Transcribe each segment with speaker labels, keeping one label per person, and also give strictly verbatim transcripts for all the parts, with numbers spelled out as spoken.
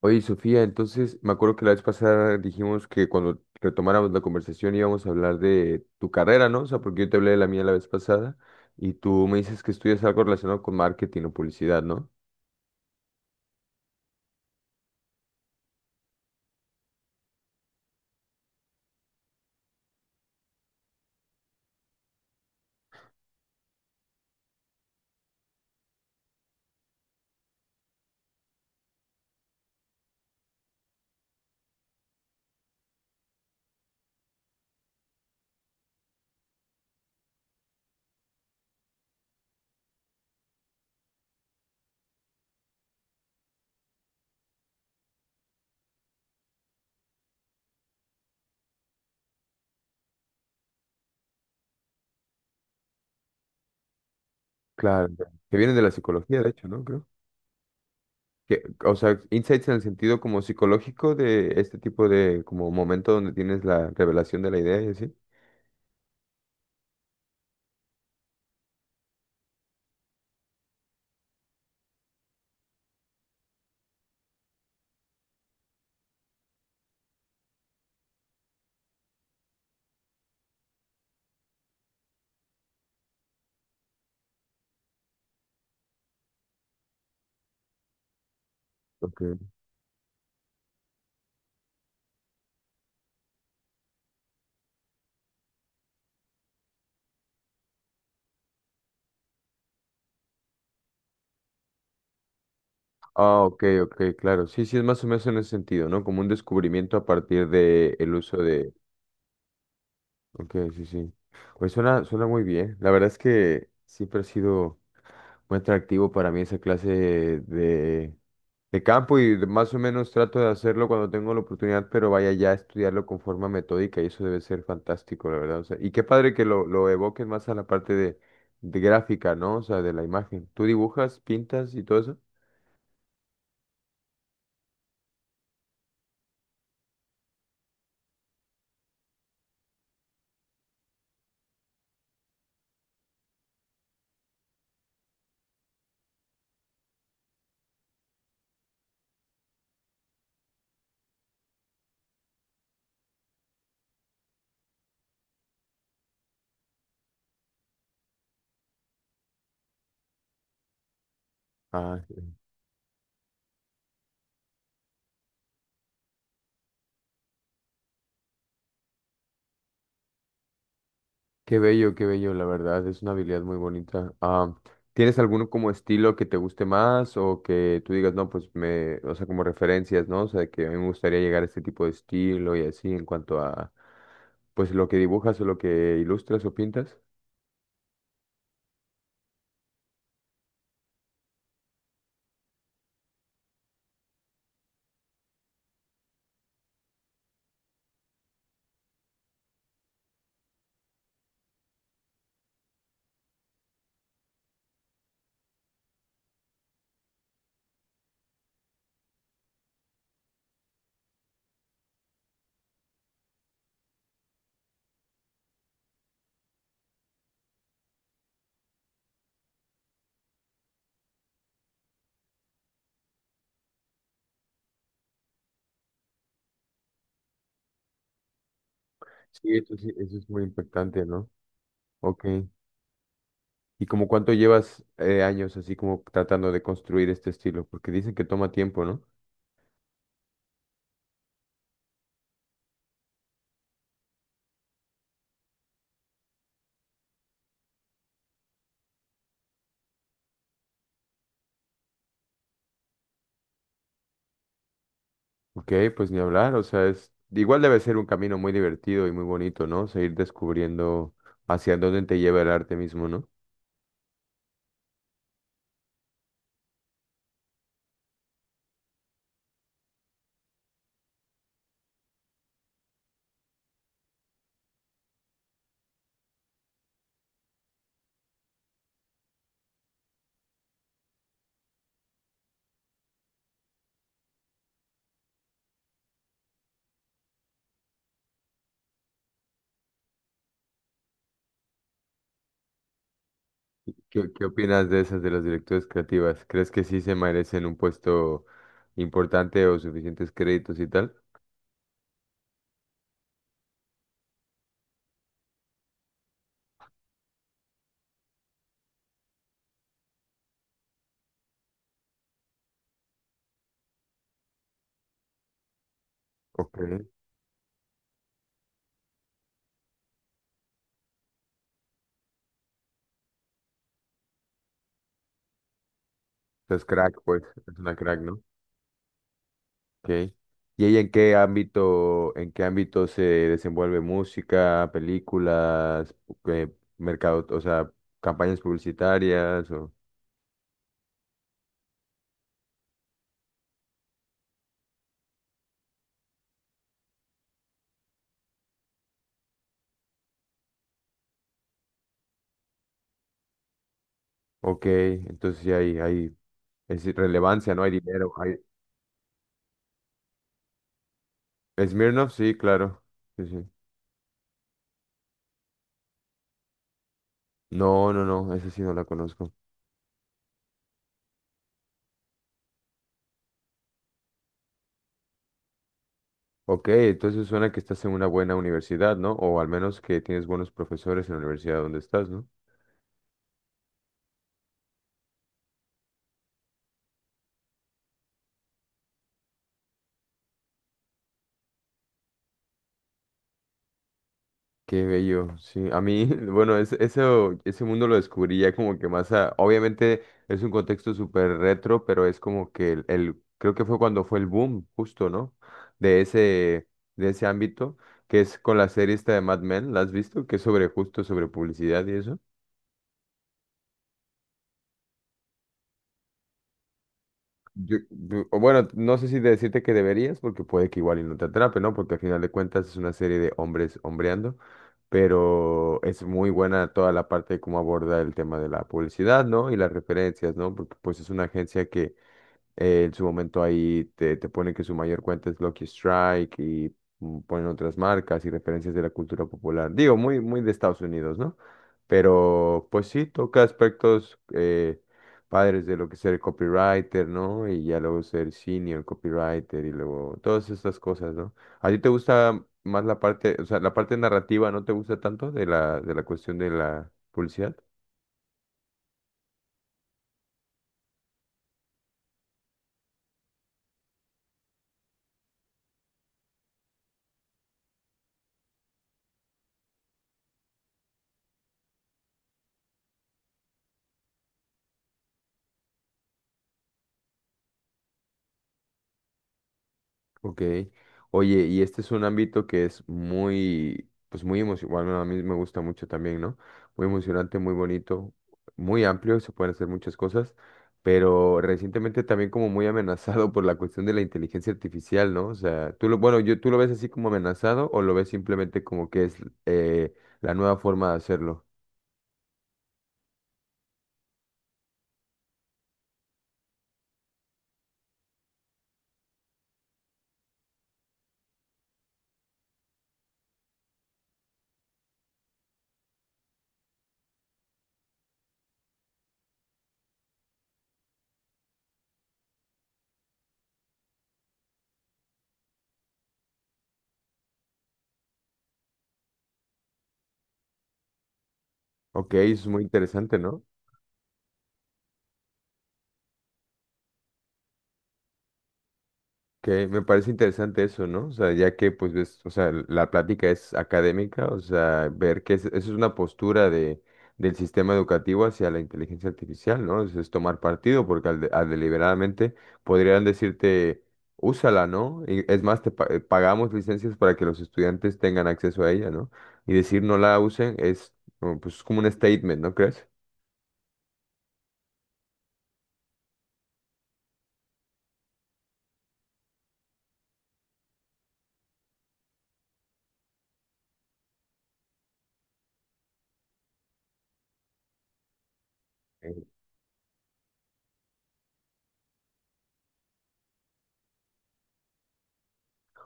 Speaker 1: Oye, Sofía, entonces me acuerdo que la vez pasada dijimos que cuando retomáramos la conversación íbamos a hablar de tu carrera, ¿no? O sea, porque yo te hablé de la mía la vez pasada y tú me dices que estudias algo relacionado con marketing o publicidad, ¿no? Claro, que viene de la psicología, de hecho, ¿no? Creo. Que, o sea, insights en el sentido como psicológico de este tipo de como momento donde tienes la revelación de la idea y así. Ok. Ah, ok, ok, claro. Sí, sí, es más o menos en ese sentido, ¿no? Como un descubrimiento a partir de el uso de. Ok, sí, sí. Pues suena, suena muy bien. La verdad es que siempre ha sido muy atractivo para mí esa clase de, de campo y de- más o menos trato de hacerlo cuando tengo la oportunidad, pero vaya ya a estudiarlo con forma metódica y eso debe ser fantástico, la verdad. O sea, y qué padre que lo, lo evoquen más a la parte de, de gráfica, ¿no? O sea, de la imagen. ¿Tú dibujas, pintas y todo eso? Ah, qué bello, qué bello, la verdad, es una habilidad muy bonita. Ah, ¿tienes alguno como estilo que te guste más o que tú digas, no, pues me, o sea, como referencias, ¿no? O sea, que a mí me gustaría llegar a este tipo de estilo y así en cuanto a, pues lo que dibujas o lo que ilustras o pintas? Sí, eso sí, eso es muy impactante, ¿no? Ok. ¿Y como cuánto llevas eh, años así como tratando de construir este estilo? Porque dicen que toma tiempo, ¿no? Ok, pues ni hablar, o sea, es igual debe ser un camino muy divertido y muy bonito, ¿no? Seguir descubriendo hacia dónde te lleva el arte mismo, ¿no? ¿Qué, qué opinas de esas de las directoras creativas? ¿Crees que sí se merecen un puesto importante o suficientes créditos y tal? Ok, es crack, pues, es una crack, ¿no? Okay. ¿Y ella en qué ámbito, en qué ámbito se desenvuelve? Música, películas, eh, mercado, o sea, campañas publicitarias o. Ok, entonces sí hay, hay. Es irrelevancia, no hay dinero. Hay... Smirnoff, sí, claro. Sí, sí. No, no, no, esa sí no la conozco. Ok, entonces suena que estás en una buena universidad, ¿no? O al menos que tienes buenos profesores en la universidad donde estás, ¿no? Qué bello, sí. A mí, bueno, es- eso, ese mundo lo descubrí ya como que más a... Obviamente es un contexto súper retro, pero es como que el, el- creo que fue cuando fue el boom, justo, ¿no? De ese, de ese ámbito, que es con la serie esta de Mad Men, ¿la has visto? Que es sobre justo, sobre publicidad y eso. Yo- yo- o bueno, no sé si decirte que deberías, porque puede que igual y no te atrape, ¿no? Porque al final de cuentas es una serie de hombres hombreando, pero es muy buena toda la parte de cómo aborda el tema de la publicidad, ¿no? Y las referencias, ¿no? Porque pues es una agencia que eh, en su momento ahí te, te pone que su mayor cuenta es Lucky Strike y mm, ponen otras marcas y referencias de la cultura popular. Digo, muy, muy de Estados Unidos, ¿no? Pero pues sí, toca aspectos eh, padres de lo que es ser copywriter, ¿no? Y ya luego ser senior copywriter y luego todas estas cosas, ¿no? ¿A ti te gusta más la parte, o sea, la parte narrativa no te gusta tanto de la, de la cuestión de la publicidad? Ok. Oye, y este es un ámbito que es muy, pues muy emocionante, bueno, a mí me gusta mucho también, ¿no? Muy emocionante, muy bonito, muy amplio, se pueden hacer muchas cosas, pero recientemente también como muy amenazado por la cuestión de la inteligencia artificial, ¿no? O sea, tú lo, bueno, yo, ¿tú lo ves así como amenazado o lo ves simplemente como que es eh, la nueva forma de hacerlo? Ok, eso es muy interesante, ¿no? Que me parece interesante eso, ¿no? O sea, ya que pues ves, o sea, la plática es académica, o sea, ver que es- eso es una postura de, del sistema educativo hacia la inteligencia artificial, ¿no? Es, es tomar partido, porque al, de- al deliberadamente podrían decirte, úsala, ¿no? Y es más, te pa- eh, pagamos licencias para que los estudiantes tengan acceso a ella, ¿no? Y decir no la usen es, como, pues, como un statement, ¿no crees?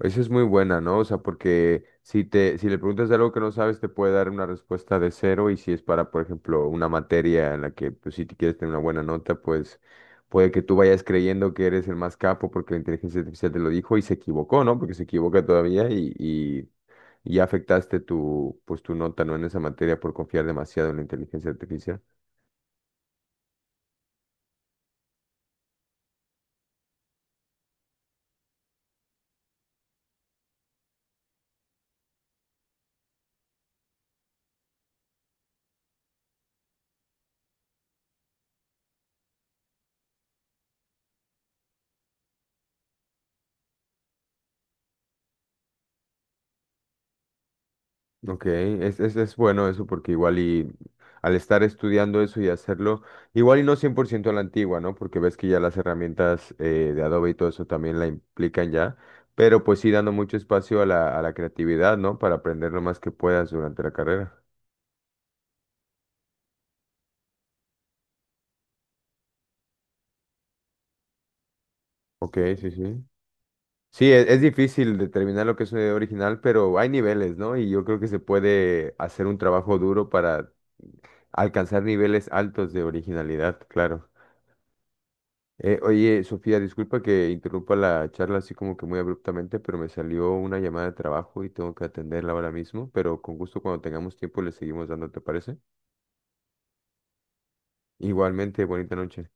Speaker 1: Esa es muy buena, ¿no? O sea, porque si te, si le preguntas algo que no sabes, te puede dar una respuesta de cero y si es para, por ejemplo, una materia en la que, pues, si te quieres tener una buena nota, pues puede que tú vayas creyendo que eres el más capo porque la inteligencia artificial te lo dijo y se equivocó, ¿no? Porque se equivoca todavía y, y, y ya afectaste tu, pues, tu nota, ¿no? En esa materia por confiar demasiado en la inteligencia artificial. Ok, es, es, es bueno eso porque igual y al estar estudiando eso y hacerlo, igual y no cien por ciento a la antigua, ¿no? Porque ves que ya las herramientas eh, de Adobe y todo eso también la implican ya, pero pues sí dando mucho espacio a la, a la creatividad, ¿no? Para aprender lo más que puedas durante la carrera. Ok, sí, sí. Sí, e- es, difícil determinar lo que es una idea original, pero hay niveles, ¿no? Y yo creo que se puede hacer un trabajo duro para alcanzar niveles altos de originalidad, claro. Eh, oye, Sofía, disculpa que interrumpa la charla así como que muy abruptamente, pero me salió una llamada de trabajo y tengo que atenderla ahora mismo, pero con gusto cuando tengamos tiempo le seguimos dando, ¿te parece? Igualmente, bonita noche.